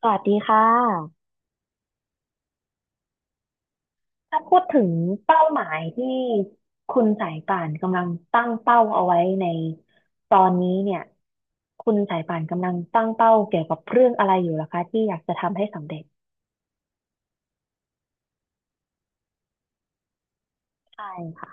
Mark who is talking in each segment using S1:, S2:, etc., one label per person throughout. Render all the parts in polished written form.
S1: สวัสดีค่ะถ้าพูดถึงเป้าหมายที่คุณสายป่านกำลังตั้งเป้าเอาไว้ในตอนนี้เนี่ยคุณสายป่านกำลังตั้งเป้าเกี่ยวกับเรื่องอะไรอยู่ล่ะคะที่อยากจะทำให้สำเร็จใช่ค่ะ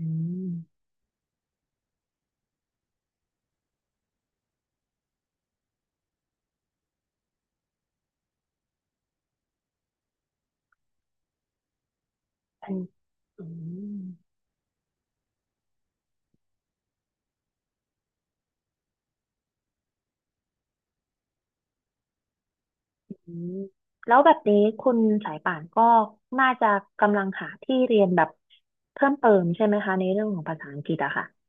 S1: อืมเป็นอืมอืมแล้วแบบนี้คุณสายป่านก็น่าจะกำลังหาที่เรียนแบบเพิ่มเติมใช่ไหมคะในเรื่องของภาษาอังกฤษอะค่ะ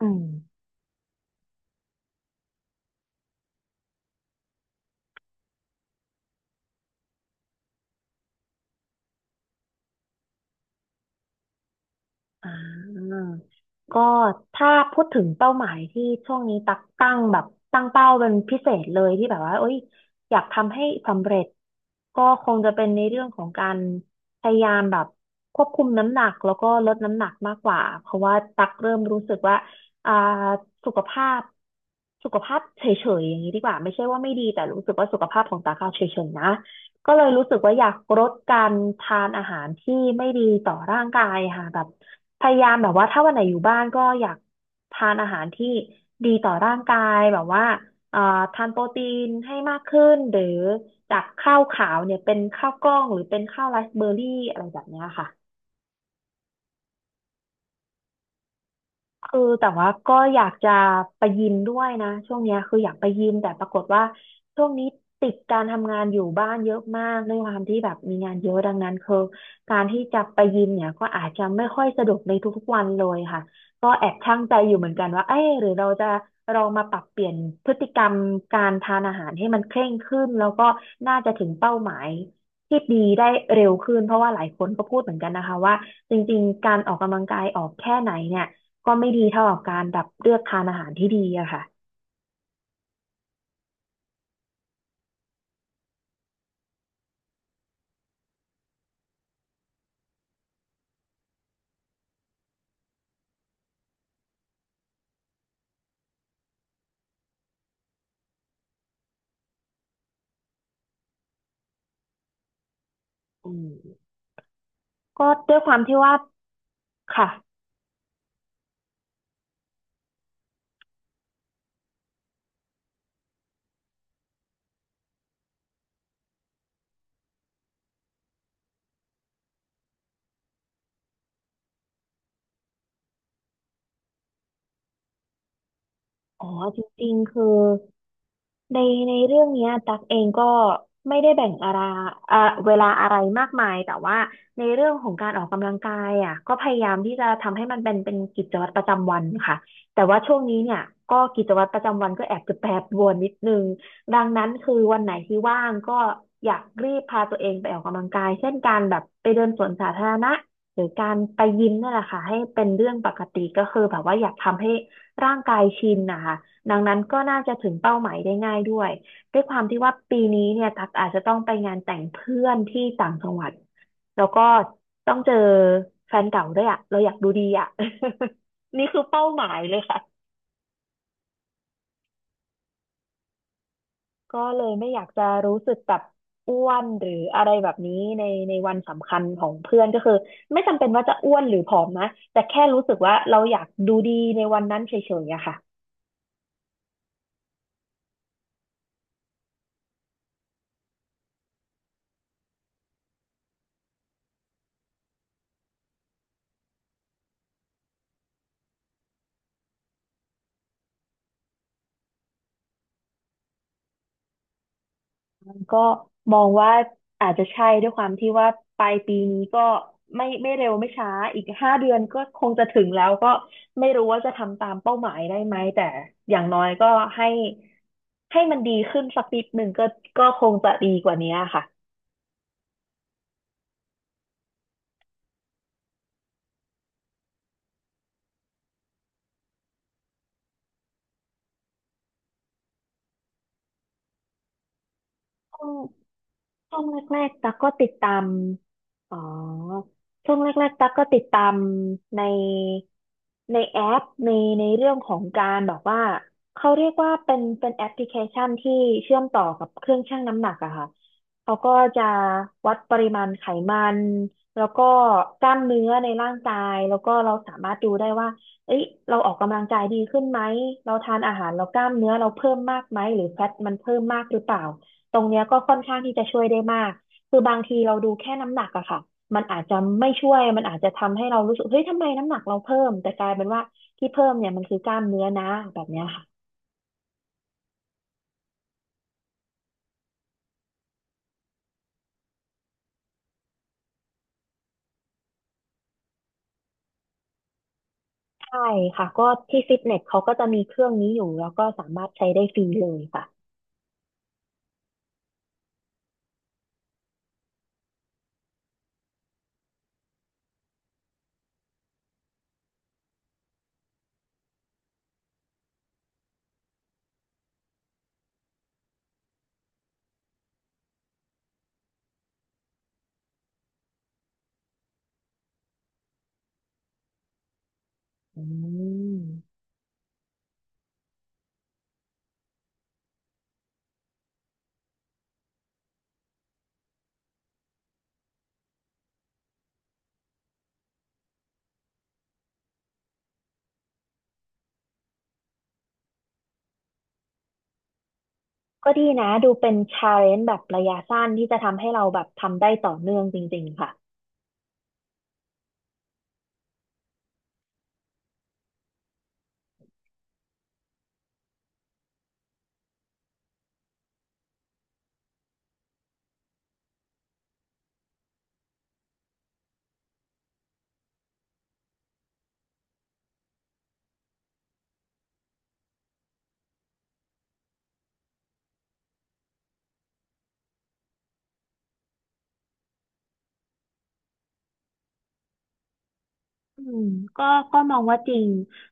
S1: อืม อ่าก็ถ้าพูดถึงเป้าหมายที่ช่วงนี้ตักตั้งแบบตั้งเป้าเป็นพิเศษเลยที่แบบว่าเอ้ยอยากทำให้สำเร็จก็คงจะเป็นในเรื่องของการพยายามแบบควบคุมน้ำหนักแล้วก็ลดน้ำหนักมากกว่าเพราะว่าตักเริ่มรู้สึกว่าอ่าสุขภาพสุขภาพเฉยๆอย่างนี้ดีกว่าไม่ใช่ว่าไม่ดีแต่รู้สึกว่าสุขภาพของตักอะเฉยๆนะ ก็เลยรู้สึกว่าอยากลดการทานอาหารที่ไม่ดีต่อร่างกายค่ะแบบพยายามแบบว่าถ้าวันไหนอยู่บ้านก็อยากทานอาหารที่ดีต่อร่างกายแบบว่าเอ่อทานโปรตีนให้มากขึ้นหรือจากข้าวขาวเนี่ยเป็นข้าวกล้องหรือเป็นข้าวไรซ์เบอร์รี่อะไรแบบเนี้ยค่ะ คือแต่ว่าก็อยากจะไปยิมด้วยนะช่วงเนี้ยคืออยากไปยิมแต่ปรากฏว่าช่วงนี้ติดการทำงานอยู่บ้านเยอะมากด้วยความที่แบบมีงานเยอะดังนั้นคือการที่จะไปยิมเนี่ยก็อาจจะไม่ค่อยสะดวกในทุกๆวันเลยค่ะก็แอบชั่งใจอยู่เหมือนกันว่าเอ๊ะหรือเราจะลองมาปรับเปลี่ยนพฤติกรรมการทานอาหารให้มันเคร่งขึ้นแล้วก็น่าจะถึงเป้าหมายที่ดีได้เร็วขึ้นเพราะว่าหลายคนก็พูดเหมือนกันนะคะว่าจริงๆการออกกำลังกายออกแค่ไหนเนี่ย ก็ไม่ดีเท่ากับการแบบเลือกทานอาหารที่ดีอะค่ะ อืมก็ด้วยความที่ว่าค่ะ อ๋อจริงๆ คือ ในในเรื่องเนี้ยตักเองก็ไม่ได้แบ่งอะไรอ่าเวลาอะไรมากมายแต่ว่าในเรื่องของการออกกำลังกายอ่ะก็พยายามที่จะทำให้มันเป็นกิจวัตรประจำวันค่ะแต่ว่าช่วงนี้เนี่ยก็กิจวัตรประจำวันก็แอบจะแปรปรวนนิดนึงดังนั้นคือวันไหนที่ว่างก็อยากรีบพาตัวเองไปออกกำลังกายเช่นการแบบไปเดินสวนสาธารณะหรือการไปยิมนี่ยแหละค่ะให้เป็นเรื่องปกติก็คือแบบว่าอยากทำให้ ร่างกายชินนะคะดังนั้นก็น่าจะถึงเป้าหมายได้ง่ายด้วยด้วยความที่ว่าปีนี้เนี่ยตักอาจจะต้องไปงานแต่งเพื่อนที่ต่างจังหวัดแล้วก็ต้องเจอแฟนเก่าด้วยอ่ะเราอยากดูดีอ่ะ นี่คือเป้าหมายเลยค่ะก็เลยไม่อยากจะรู้สึกแบบอ้วนหรืออะไรแบบนี้ในในวันสำคัญของเพื่อนก็คือไม่จำเป็นว่าจะอ้วนหรือผอมนะแต่แค่รู้สึกว่าเราอยากดูดีในวันนั้นเฉยๆอะค่ะ ก็มองว่าอาจจะใช่ด้วยความที่ว่าปลายปีนี้ก็ไม่ไม่เร็วไม่ช้าอีก5 เดือนก็คงจะถึงแล้วก็ไม่รู้ว่าจะทำตามเป้าหมายได้ไหมแต่อย่างน้อยก็ให้ให้มันดีขึ้นสักนิดหนึ่งก็ก็คงจะดีกว่านี้ค่ะคง ช่วงแรกๆตั๊กก็ติดตามอ๋อช่วงแรกๆตั๊กก็ติดตามในในแอปในเรื่องของการแบบว่าเขาเรียกว่าเป็นแอปพลิเคชันที่เชื่อมต่อกับเครื่องชั่งน้ำหนักอะค่ะเขาก็จะวัดปริมาณไขมันแล้วก็กล้ามเนื้อในร่างกายแล้วก็เราสามารถดูได้ว่าเอ้ยเราออกกำลังกายดีขึ้นไหมเราทานอาหารเรากล้ามเนื้อเราเพิ่มมากไหมหรือแฟตมันเพิ่มมากหรือเปล่า ตรงเนี้ยก็ค่อนข้างที่จะช่วยได้มาก คือบางทีเราดูแค่น้ำหนักอะค่ะ มันอาจจะไม่ช่วย มันอาจจะทำให้เรารู้สึกเฮ้ยทำไมน้ำหนักเราเพิ่มแต่กลายเป็นว่าที่เพิ่มเนี่ยมันคือกล้ามเนื้อนะแบบเนี้ยค่ะ ใช่ค่ะก็ที่ฟิตเนสเขาก็จะมีเครื่องนี้อยู่แล้วก็สามารถใช้ได้ฟรีเลยค่ะอืมก็ดีนะดูเป็นชาเลนจ์แบบระยะสั้นที่จะทำให้เราแบบทำได้ต่อเนื่องจริงๆค่ะ อืมก็ก็มองว่าจริง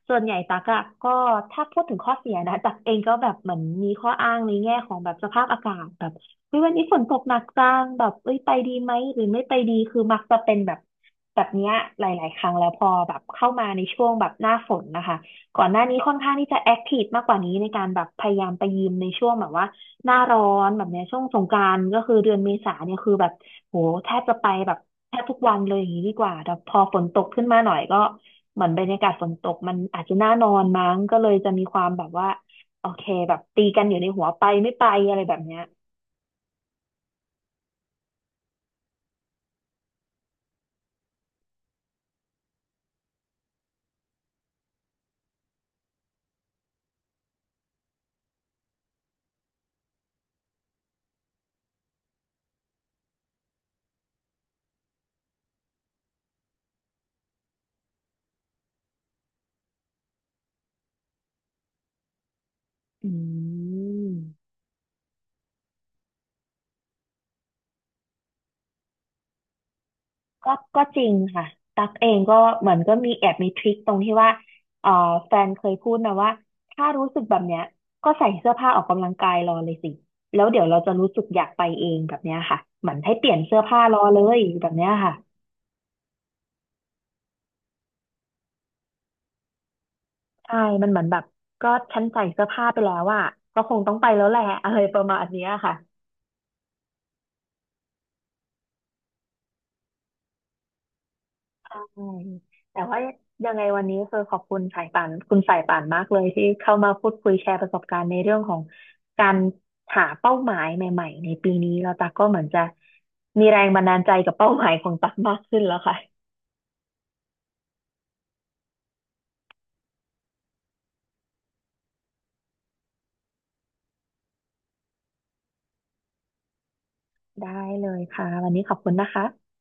S1: ส่วนใหญ่ตักอะก็ถ้าพูดถึงข้อเสียนะตักเองก็แบบเหมือนมีข้ออ้างในแง่ของแบบสภาพอากาศแบบเฮ้ยวันนี้ฝนตกหนักจังแบบเอ้ยไปดีไหมหรือไม่ไปดีคือมักจะเป็นแบบแบบเนี้ยหลายๆครั้งแล้วพอแบบเข้ามาในช่วงแบบหน้าฝนนะคะก่อนหน้านี้ค่อนข้างที่จะแอคทีฟมากกว่านี้ในการแบบพยายามไปยิมในช่วงแบบว่าหน้าร้อนแบบเนี้ยช่วงสงกรานต์ก็คือเดือนเมษาเนี่ยคือแบบ โหแทบจะไปแบบแทบทุกวันเลยอย่างนี้ดีกว่าแต่พอฝนตกขึ้นมาหน่อยก็เหมือนบรรยากาศฝนตกมันอาจจะน่านอนมั้งก็เลยจะมีความแบบว่าโอเคแบบตีกันอยู่ในหัวไปไม่ไปอะไรแบบเนี้ยอืมก็ก็จริงค่ะตั๊กเองก็เหมือนก็มีแอบมีทริคตรงที่ว่าเอ่อแฟนเคยพูดนะว่าถ้ารู้สึกแบบเนี้ยก็ใส่เสื้อผ้าออกกำลังกายรอเลยสิแล้วเดี๋ยวเราจะรู้สึกอยากไปเองแบบเนี้ยค่ะเหมือนให้เปลี่ยนเสื้อผ้ารอเลยแบบเนี้ยค่ะ ใช่มันเหมือนแบบก็ฉันใส่เสื้อผ้าไปแล้วอะก็คงต้องไปแล้วแหละ อะไรประมาณเนี้ยค่ะใช่แต่ว่ายังไงวันนี้คือขอบคุณสายป่านคุณสายป่านมากเลยที่เข้ามาพูดคุยแชร์ประสบการณ์ในเรื่องของการหาเป้าหมายใหม่ๆในปีนี้เราตักก็เหมือนจะมีแรงบันดาลใจกับเป้าหมายของตักมากขึ้นแล้วค่ะได้เลยค่ะวันนี้ขอบคุณนะคะ